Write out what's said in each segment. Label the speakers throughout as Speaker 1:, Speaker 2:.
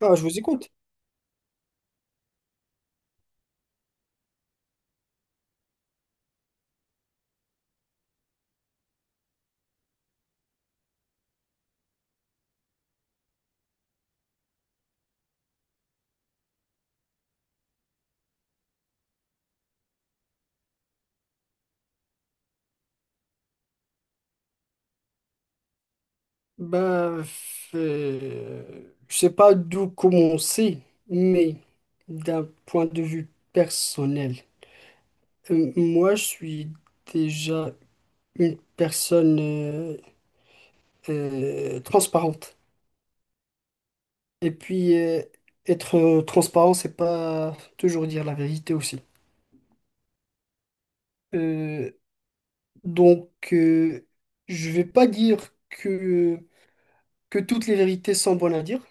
Speaker 1: Ah, je vous écoute. Bah, je sais pas d'où commencer, mais d'un point de vue personnel, moi, je suis déjà une personne transparente. Et puis, être transparent, c'est pas toujours dire la vérité aussi. Euh, donc, je vais pas dire que toutes les vérités sont bonnes à dire.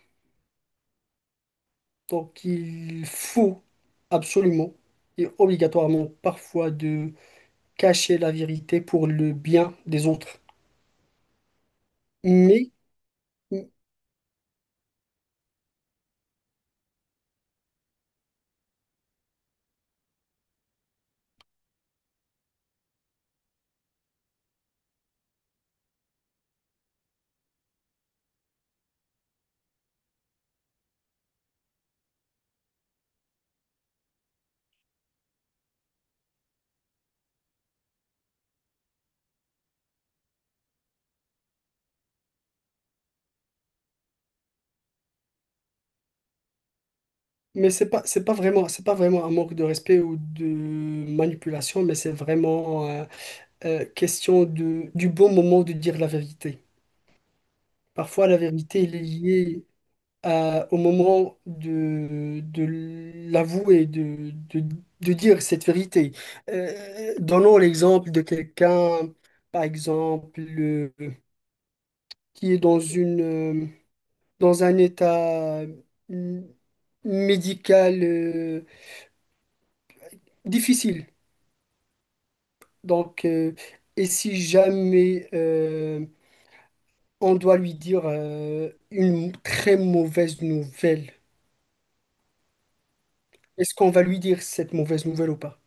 Speaker 1: Donc il faut absolument et obligatoirement parfois de cacher la vérité pour le bien des autres. Mais mais c'est pas vraiment un manque de respect ou de manipulation, mais c'est vraiment question de du bon moment de dire la vérité. Parfois la vérité elle est liée au moment de l'avouer, de dire cette vérité. Donnons l'exemple de quelqu'un, par exemple, qui est dans une, dans un état euh, médical difficile. Donc, et si jamais on doit lui dire une très mauvaise nouvelle, est-ce qu'on va lui dire cette mauvaise nouvelle ou pas?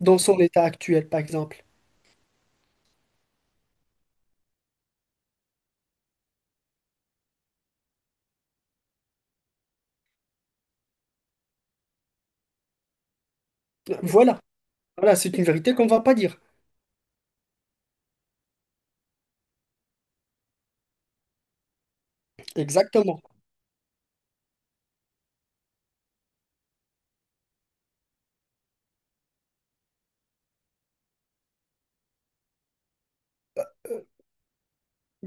Speaker 1: Dans son état actuel, par exemple. Voilà, voilà, c'est une vérité qu'on ne va pas dire. Exactement.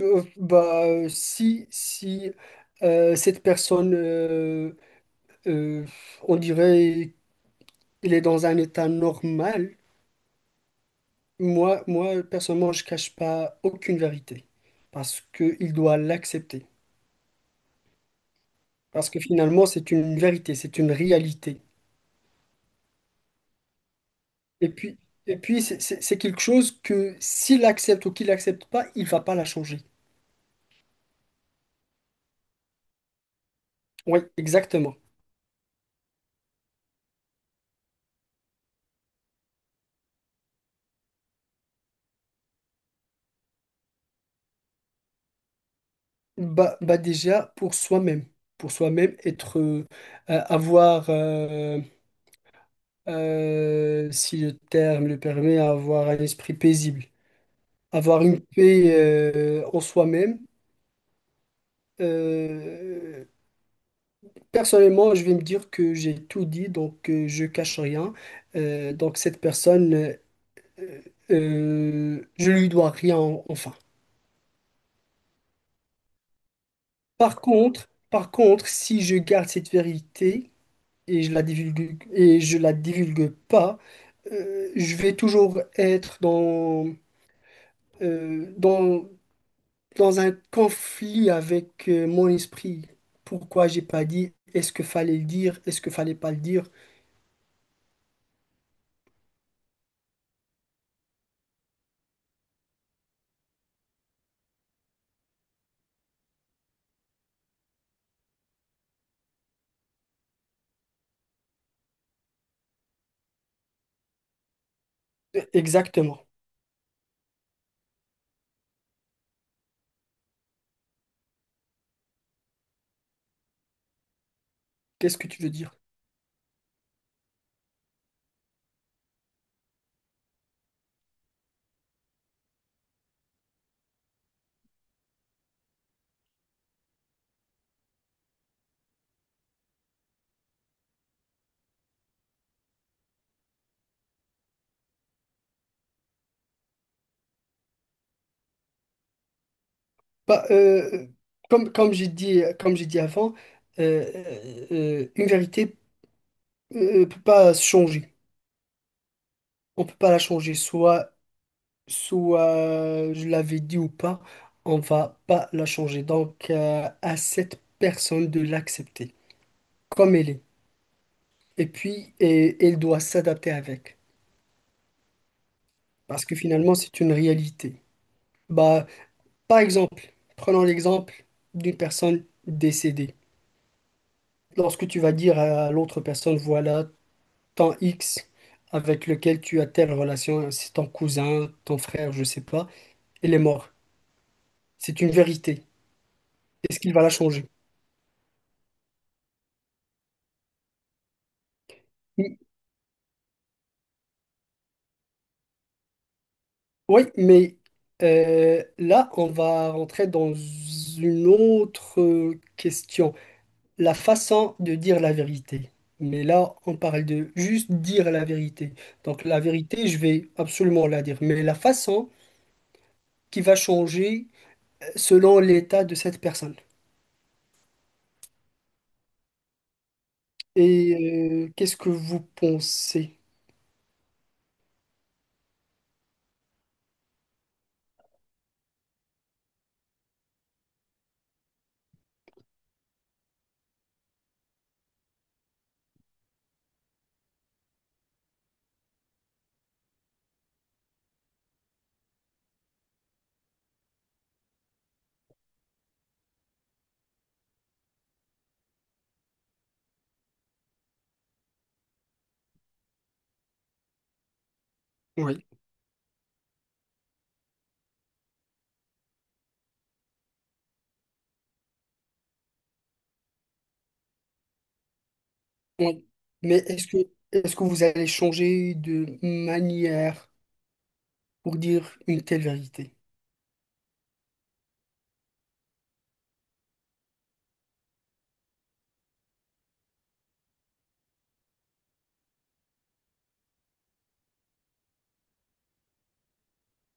Speaker 1: Bah, si cette personne, euh, on dirait, il est dans un état normal, moi, personnellement, je cache pas aucune vérité parce qu'il doit l'accepter. Parce que finalement, c'est une vérité, c'est une réalité. Et puis, c'est quelque chose que s'il accepte ou qu'il accepte pas, il va pas la changer. Oui, exactement. Bah, bah déjà pour soi-même être avoir si le terme le permet, avoir un esprit paisible, avoir une paix en soi-même. Euh, personnellement, je vais me dire que j'ai tout dit, donc je cache rien. Donc cette personne, euh, je lui dois rien en- enfin. Par contre, si je garde cette vérité et je la divulgue et je la divulgue pas, je vais toujours être dans euh, dans dans un conflit avec mon esprit. Pourquoi j'ai pas dit? Est-ce que fallait le dire? Est-ce que fallait pas le dire? Exactement. Qu'est-ce que tu veux dire? Bah, comme j'ai dit avant, euh, euh, une vérité peut pas se changer. On peut pas la changer. Soit je l'avais dit ou pas, on va pas la changer. Donc, à cette personne de l'accepter comme elle est. Et puis, elle doit s'adapter avec. Parce que finalement, c'est une réalité. Bah, par exemple, prenons l'exemple d'une personne décédée. Lorsque tu vas dire à l'autre personne, voilà, tant X avec lequel tu as telle relation, c'est ton cousin, ton frère, je sais pas, il est mort. C'est une vérité. Est-ce qu'il va la changer? Oui, mais là, on va rentrer dans une autre question, la façon de dire la vérité. Mais là, on parle de juste dire la vérité. Donc la vérité, je vais absolument la dire, mais la façon qui va changer selon l'état de cette personne. Et qu'est-ce que vous pensez? Oui. Oui. Mais est-ce que vous allez changer de manière pour dire une telle vérité?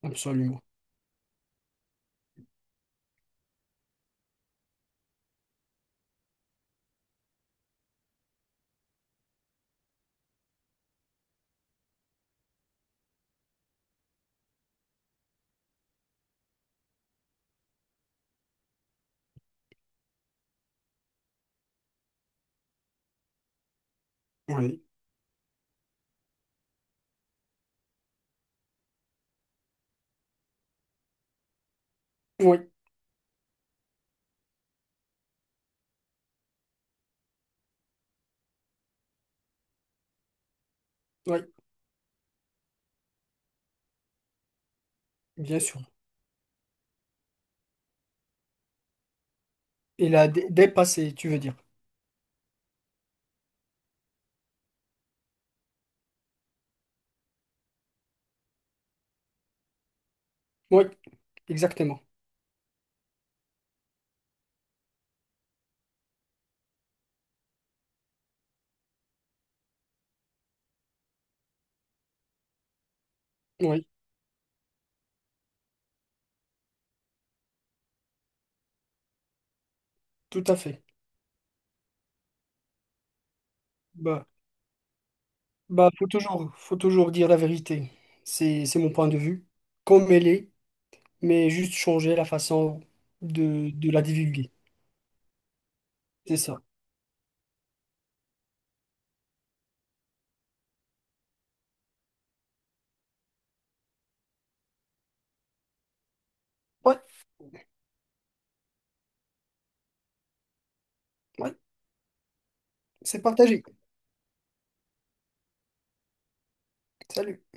Speaker 1: Absolument. Oui. Oui, oui, bien sûr. Il a dépassé, tu veux dire. Oui, exactement. Oui, tout à fait. Bah, bah, faut toujours dire la vérité. C'est mon point de vue, comme elle est, mais juste changer la façon de la divulguer. C'est ça. Ouais, ouais, c'est partagé. Salut.